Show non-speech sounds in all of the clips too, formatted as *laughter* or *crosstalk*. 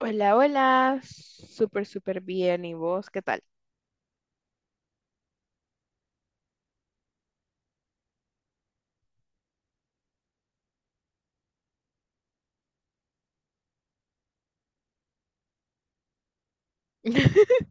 Hola, hola. Súper, súper bien. ¿Y vos qué tal? *laughs*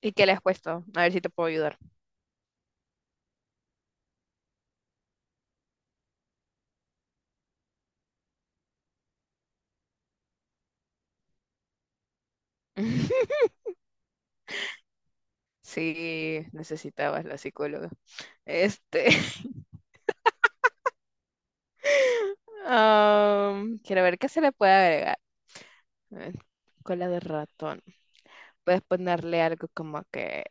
¿Y qué le has puesto? A ver si te puedo ayudar. *laughs* Sí, necesitabas la psicóloga. Este, *laughs* quiero ver qué se le puede agregar. Eh, Cola de ratón. Puedes ponerle algo como que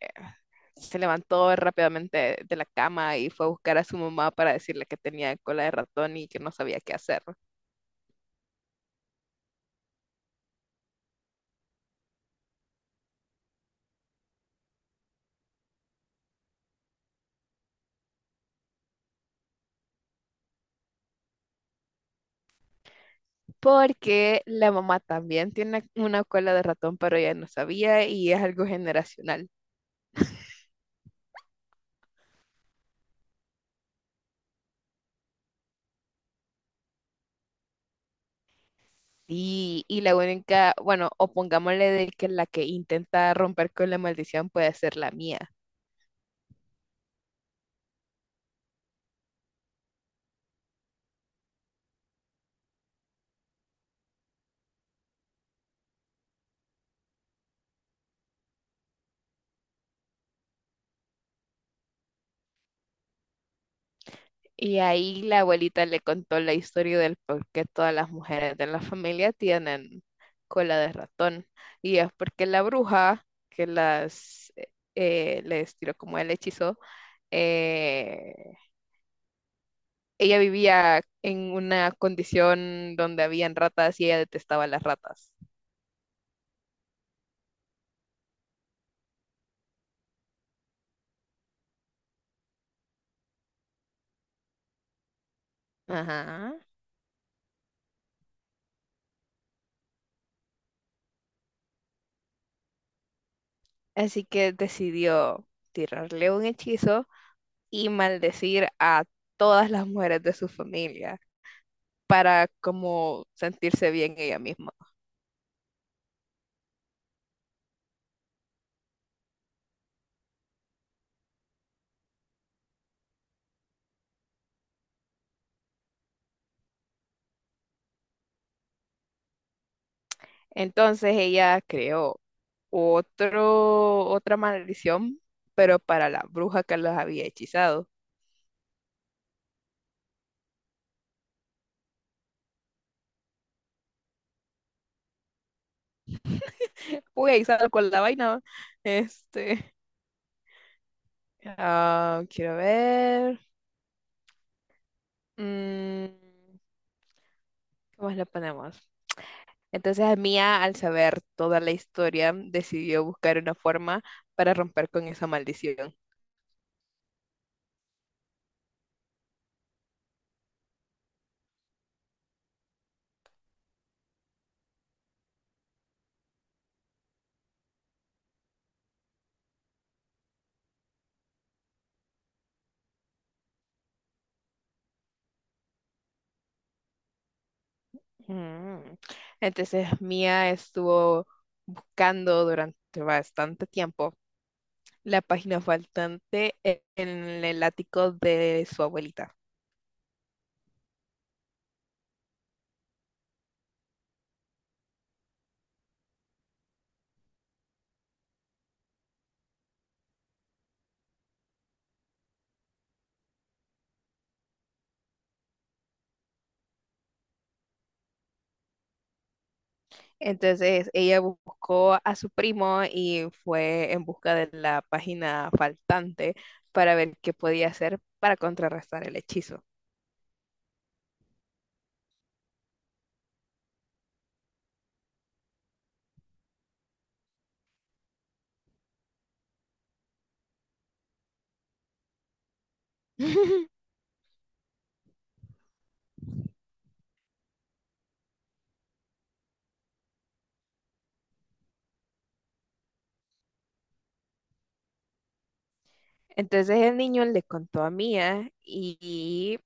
se levantó rápidamente de la cama y fue a buscar a su mamá para decirle que tenía cola de ratón y que no sabía qué hacer. Porque la mamá también tiene una cola de ratón, pero ella no sabía y es algo generacional. Y la única, bueno, o pongámosle de que la que intenta romper con la maldición puede ser la mía. Y ahí la abuelita le contó la historia del por qué todas las mujeres de la familia tienen cola de ratón. Y es porque la bruja que las les tiró como el hechizo, eh, ella vivía en una condición donde habían ratas y ella detestaba las ratas. Ajá. Así que decidió tirarle un hechizo y maldecir a todas las mujeres de su familia, para como sentirse bien ella misma. Entonces ella creó otra maldición, pero para la bruja que las había hechizado. *laughs* Uy, ahí salgo la vaina. Este, ah, quiero ver. Mm, ¿qué más le ponemos? Entonces Mia, al saber toda la historia, decidió buscar una forma para romper con esa maldición. Mm. Entonces Mia estuvo buscando durante bastante tiempo la página faltante en el ático de su abuelita. Entonces ella buscó a su primo y fue en busca de la página faltante para ver qué podía hacer para contrarrestar el hechizo. *laughs* Entonces el niño le contó a Mia y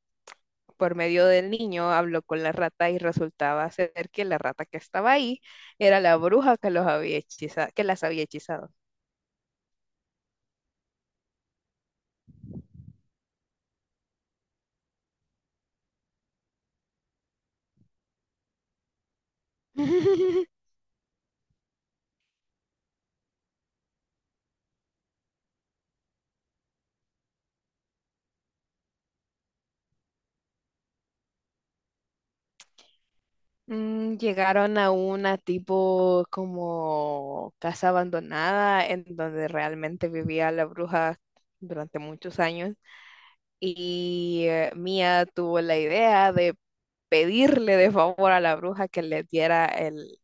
por medio del niño habló con la rata y resultaba ser que la rata que estaba ahí era la bruja que los había que las había hechizado. *laughs* Mm, llegaron a una tipo como casa abandonada en donde realmente vivía la bruja durante muchos años y Mia tuvo la idea de pedirle de favor a la bruja que le diera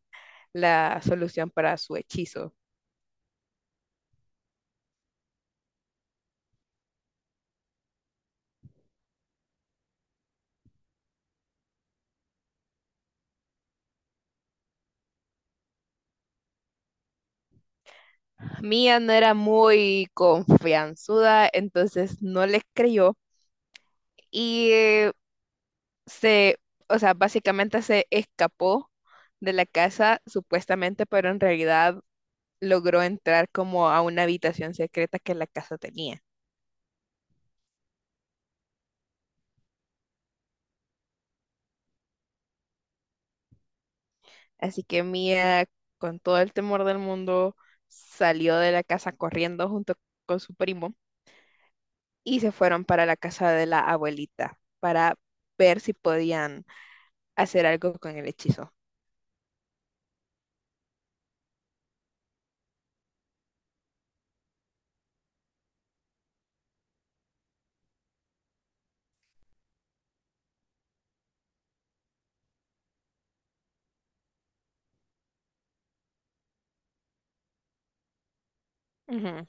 la solución para su hechizo. Mía no era muy confianzuda, entonces no le creyó y se, o sea, básicamente se escapó de la casa supuestamente, pero en realidad logró entrar como a una habitación secreta que la casa tenía. Así que Mía, con todo el temor del mundo, salió de la casa corriendo junto con su primo y se fueron para la casa de la abuelita para ver si podían hacer algo con el hechizo. Ujú.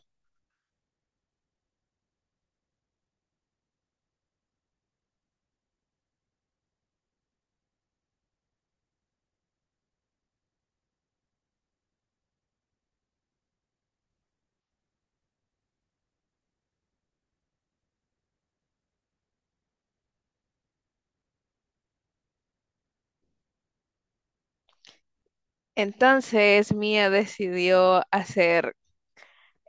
Entonces Mia decidió hacer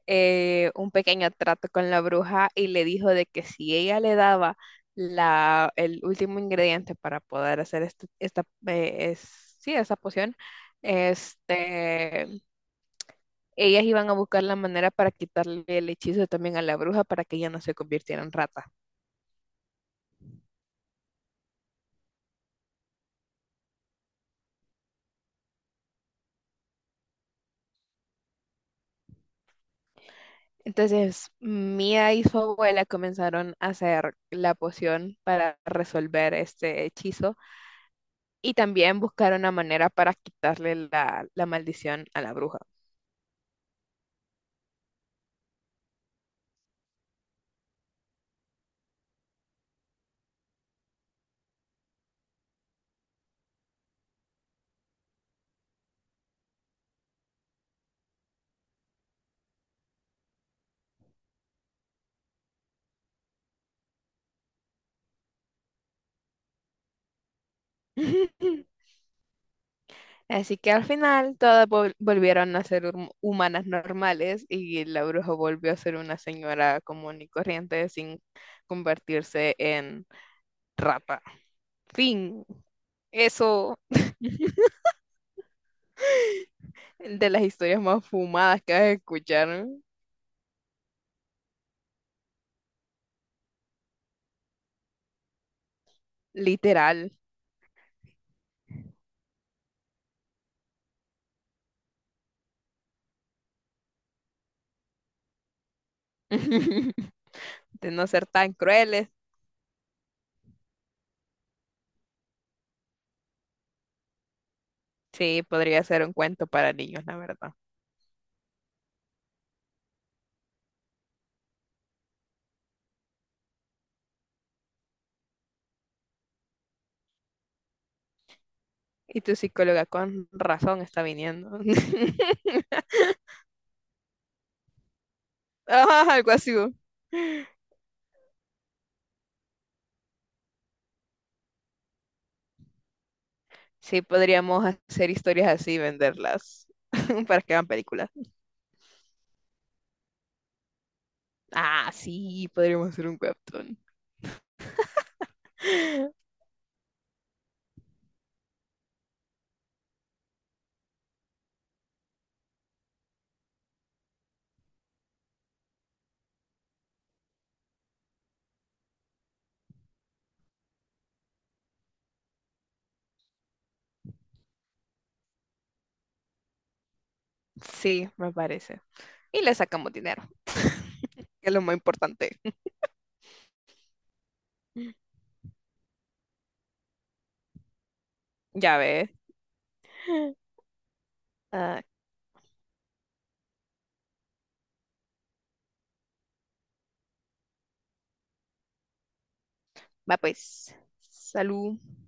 un pequeño trato con la bruja y le dijo de que si ella le daba el último ingrediente para poder hacer esa poción, este, ellas iban a buscar la manera para quitarle el hechizo también a la bruja para que ella no se convirtiera en rata. Entonces, Mia y su abuela comenzaron a hacer la poción para resolver este hechizo y también buscar una manera para quitarle la maldición a la bruja. *laughs* Así que al final todas volvieron a ser humanas normales y la bruja volvió a ser una señora común y corriente sin convertirse en rata. Fin. Eso de las historias más fumadas que vas a escuchar, literal. *laughs* De no ser tan crueles. Sí, podría ser un cuento para niños, la verdad. Y tu psicóloga con razón está viniendo. *laughs* Ah, algo así, ¿no? Sí, podríamos hacer historias así y venderlas *laughs* para que hagan películas. Ah, sí, podríamos hacer un webtoon. Sí, me parece. Y le sacamos dinero, *laughs* que es lo más importante. Ya ves. Ah, va pues. Salud.